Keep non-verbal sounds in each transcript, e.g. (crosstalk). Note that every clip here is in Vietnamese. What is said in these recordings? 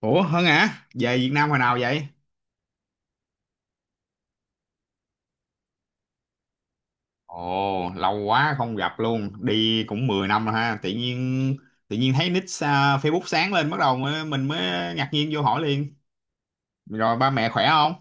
Ủa Hân hả? Về Việt Nam hồi nào vậy? Ồ, lâu quá không gặp luôn. Đi cũng 10 năm rồi ha. Tự nhiên thấy nick à, Facebook sáng lên bắt đầu mình mới ngạc nhiên vô hỏi liền. Rồi ba mẹ khỏe không?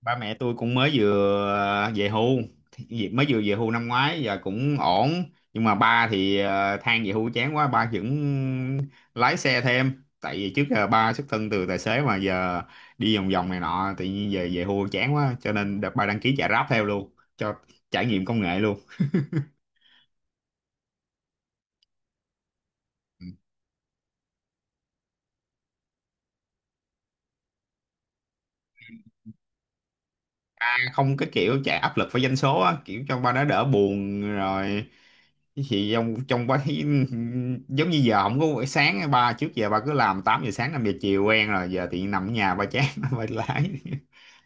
Ba mẹ tôi cũng mới vừa à, về hưu. Mới vừa về hưu năm ngoái giờ cũng ổn, nhưng mà ba thì than về hưu chán quá ba vẫn lái xe thêm. Tại vì trước giờ ba xuất thân từ tài xế mà giờ đi vòng vòng này nọ, tự nhiên về về hưu chán quá cho nên đợt ba đăng ký chạy Grab theo luôn cho trải nghiệm công nghệ luôn. À, không, cái kiểu chạy áp lực với doanh số á kiểu cho ba nó đỡ buồn rồi. Chứ chị trong trong bấy (laughs) giống như giờ không có buổi sáng á, ba trước giờ ba cứ làm 8 giờ sáng 5 giờ chiều quen rồi, giờ thì nằm ở nhà ba chán (laughs) ba lái.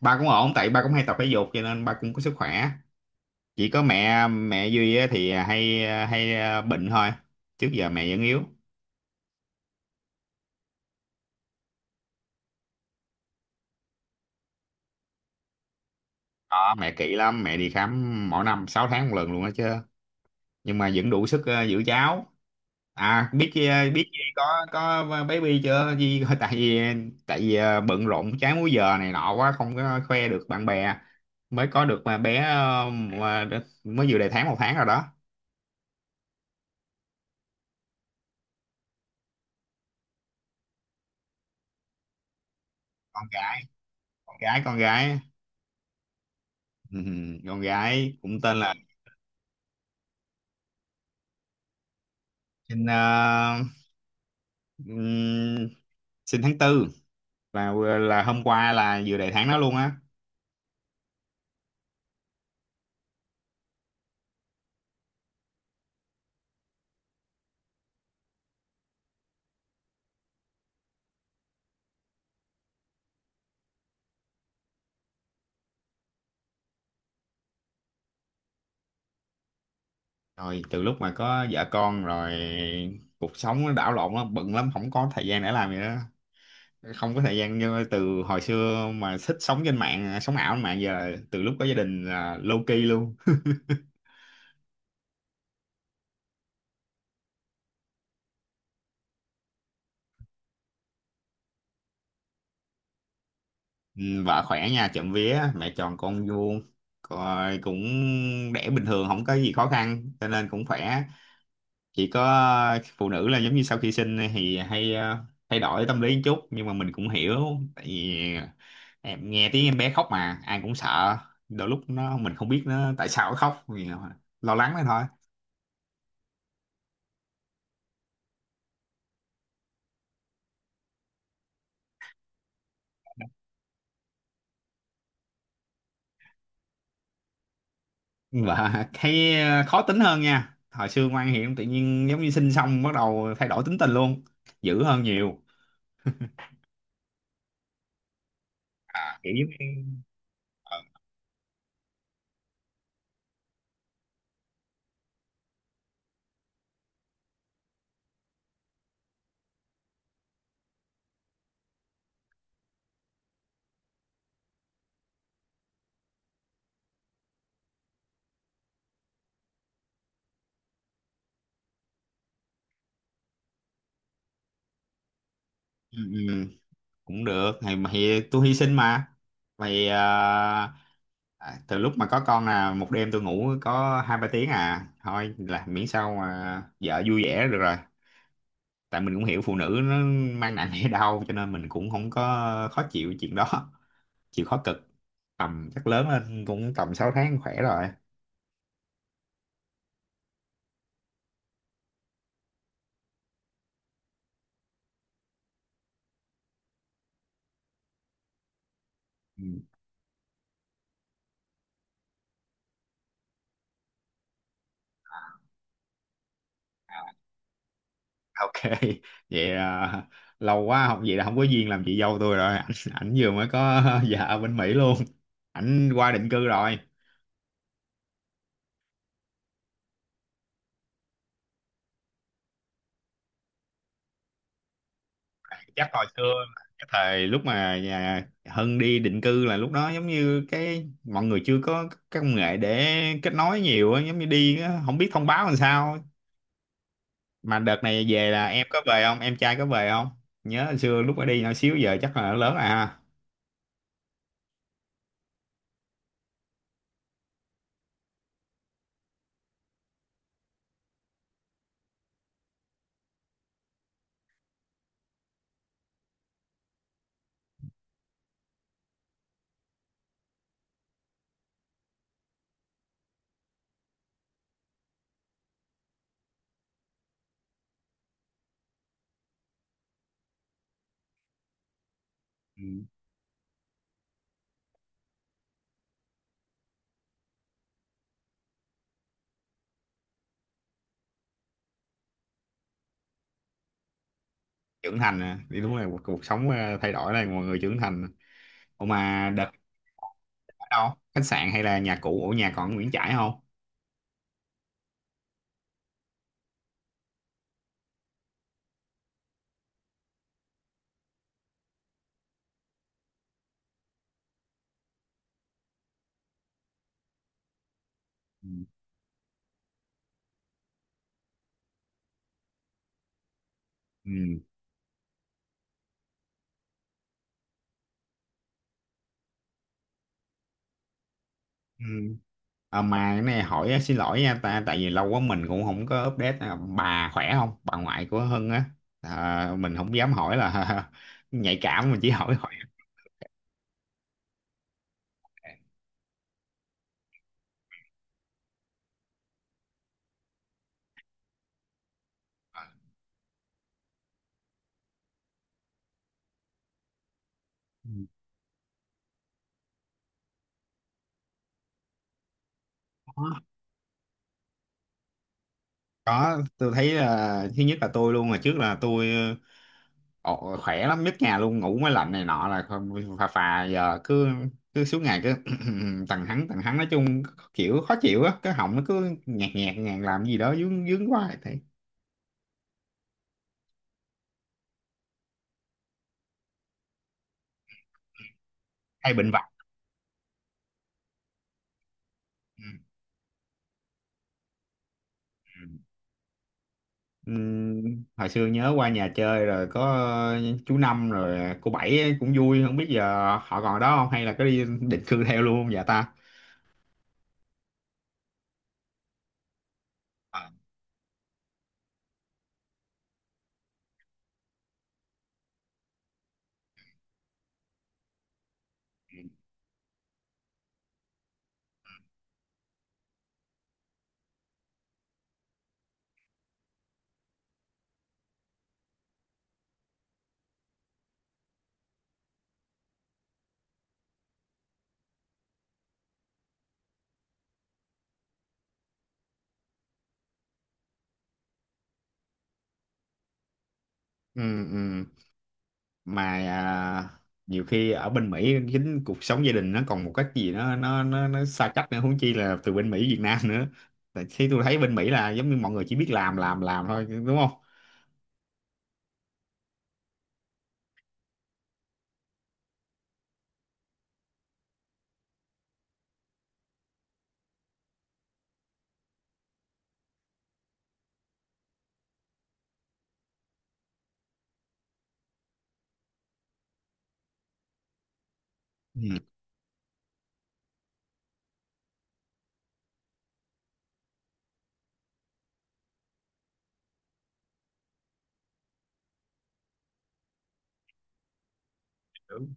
Ba cũng ổn tại ba cũng hay tập thể dục cho nên ba cũng có sức khỏe. Chỉ có mẹ mẹ Duy á, thì hay hay ờ, bệnh thôi. Trước giờ mẹ vẫn yếu. Đó, mẹ kỹ lắm, mẹ đi khám mỗi năm 6 tháng một lần luôn đó chứ, nhưng mà vẫn đủ sức giữ cháu. À, biết chi biết gì có baby chưa? Gì (laughs) tại vì bận rộn trái múi giờ này nọ quá không có khoe được bạn bè. Mới có được mà bé mới vừa đầy tháng 1 tháng rồi đó. Con gái, con gái, con gái. Con gái cũng tên là sinh ờ, ừm, sinh tháng tư, là là hôm qua là vừa đầy tháng đó luôn á. Rồi từ lúc mà có vợ con rồi, cuộc sống nó đảo lộn lắm, bận lắm không có thời gian để làm gì đó. Không có thời gian như từ hồi xưa mà thích sống trên mạng, sống ảo trên mạng, giờ từ lúc có gia đình là low key luôn. Ừ, vợ khỏe nha, trộm vía mẹ tròn con vuông, rồi cũng đẻ bình thường không có gì khó khăn cho nên cũng khỏe. Chỉ có phụ nữ là giống như sau khi sinh thì hay thay đổi tâm lý một chút, nhưng mà mình cũng hiểu. Tại vì em nghe tiếng em bé khóc mà ai cũng sợ, đôi lúc nó mình không biết nó tại sao nó khóc vì lo lắng đó thôi. Và thấy khó tính hơn nha, hồi xưa ngoan hiền tự nhiên giống như sinh xong bắt đầu thay đổi tính tình luôn, dữ hơn nhiều. À, kiểu giống như ờ, ừ, ừ, cũng được thì, mà thì tôi hy sinh mà. Mày à, từ lúc mà có con là một đêm tôi ngủ có hai ba tiếng à thôi, là miễn sao mà vợ vui vẻ là được rồi. Tại mình cũng hiểu phụ nữ nó mang nặng hay đau cho nên mình cũng không có khó chịu chuyện đó. Chịu khó cực, tầm chắc lớn lên cũng tầm 6 tháng khỏe rồi. Ừ. À, ok (laughs) vậy à, lâu quá học vậy là không có duyên làm chị dâu tôi rồi (laughs) ảnh vừa mới có (laughs) vợ ở bên Mỹ luôn, ảnh qua định cư rồi. Chắc hồi xưa cái thời lúc mà nhà Hân đi định cư là lúc đó giống như cái mọi người chưa có các công nghệ để kết nối nhiều á, giống như đi á, không biết thông báo làm sao. Mà đợt này về là em có về không, em trai có về không, nhớ hồi xưa lúc ở đi nhỏ xíu giờ chắc là lớn rồi ha. Trưởng thành à. Thì đúng là cuộc sống thay đổi là mọi người trưởng thành. Ủa mà đợt ở đâu, khách sạn hay là nhà cũ, ở nhà còn ở Nguyễn Trãi không? Ừ. Ừ. Ừ. À, mà cái này hỏi á, xin lỗi nha ta, tại vì lâu quá mình cũng không có update à, bà khỏe không, bà ngoại của Hưng á. À, mình không dám hỏi là (laughs) nhạy cảm, mình chỉ hỏi hỏi Ừ. Có, tôi thấy là thứ nhất là tôi luôn mà, trước là tôi ồ, khỏe lắm nhất nhà luôn, ngủ mới lạnh này nọ là không, phà phà. Giờ cứ cứ suốt ngày cứ (clears throat) tần hắng tần hắng, nói chung kiểu khó chịu á, cái họng nó cứ nhạt nhạt nhạt làm gì đó, dướng dướng quá thế. Hay bệnh vặt. Ừ. Ừ. Hồi xưa nhớ qua nhà chơi rồi có chú Năm rồi cô Bảy ấy cũng vui, không biết giờ họ còn ở đó không, hay là có đi định cư theo luôn không vậy ta. Ờ. Ừ, ừ. Mà à, nhiều khi ở bên Mỹ chính cuộc sống gia đình nó còn một cách gì nó xa cách nữa, huống chi là từ bên Mỹ Việt Nam nữa. Tại khi tôi thấy bên Mỹ là giống như mọi người chỉ biết làm thôi, đúng không. Ừ. Đúng.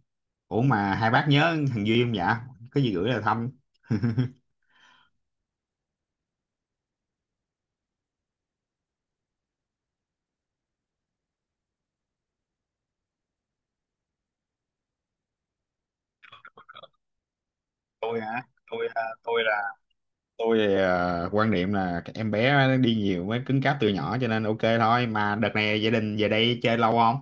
Ủa mà hai bác nhớ thằng Duy không dạ, có gì gửi là thăm. (laughs) tôi hả tôi à, tôi là tôi à, quan niệm là cái em bé nó đi nhiều mới cứng cáp từ nhỏ cho nên ok thôi. Mà đợt này gia đình về đây chơi lâu không?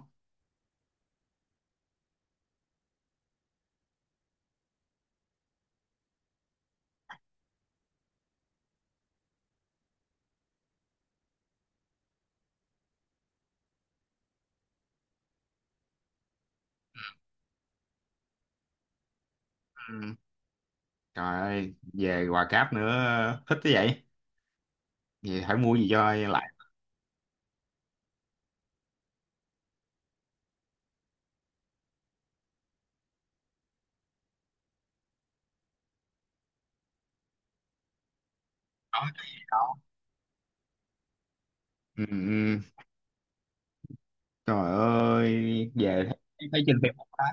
Ừ. Trời ơi về Hòa Cáp nữa, thích thế vậy. Vậy phải mua gì cho lại, có cái gì đó. Ừ, ừ. Trời ơi về thấy trên Facebook đó.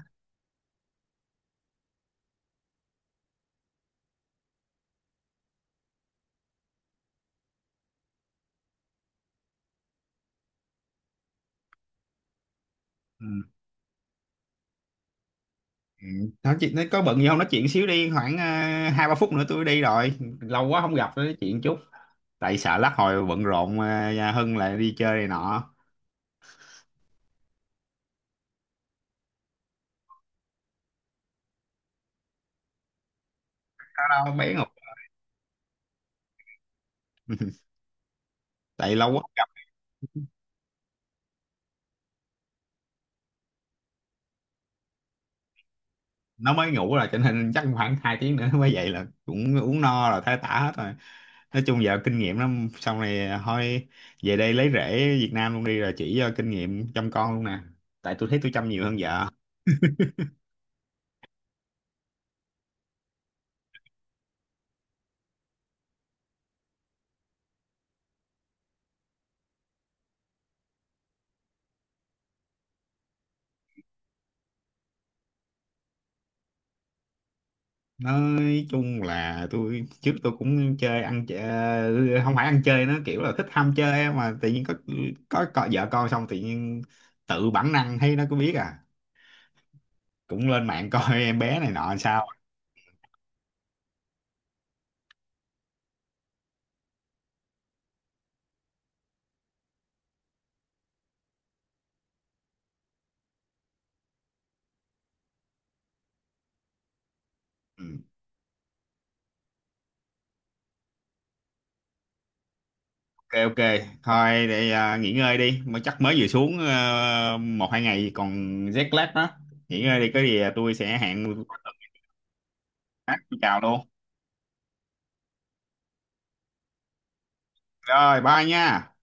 Ừ. Ừ. Nói có bận gì không, nói chuyện xíu đi, khoảng hai ba phút nữa tôi đi rồi. Lâu quá không gặp nữa, nói chuyện chút, tại sợ lát hồi bận rộn nhà Hưng lại đi chơi này nọ. Đâu đâu, bé ngục. (laughs) Tại lâu quá nó mới ngủ rồi cho nên chắc khoảng 2 tiếng nữa nó mới dậy, là cũng uống no rồi thấy tả hết rồi. Nói chung giờ kinh nghiệm lắm xong này thôi, về đây lấy rễ Việt Nam luôn đi rồi chỉ cho kinh nghiệm chăm con luôn nè. Tại tôi thấy tôi chăm nhiều hơn vợ. Nói chung là tôi, trước tôi cũng chơi, ăn chơi không phải ăn chơi, nó kiểu là thích ham chơi á, mà tự nhiên có vợ con xong, tự nhiên tự bản năng thấy nó cũng biết à, cũng lên mạng (laughs) coi em bé này nọ làm sao. Ừ. Ok ok. Thôi để à, nghỉ ngơi đi, mới chắc mới vừa xuống à, một hai ngày còn jet lag đó. Nghỉ ngơi đi, có gì à, tôi sẽ hẹn khác, tôi chào luôn. Rồi bye nha.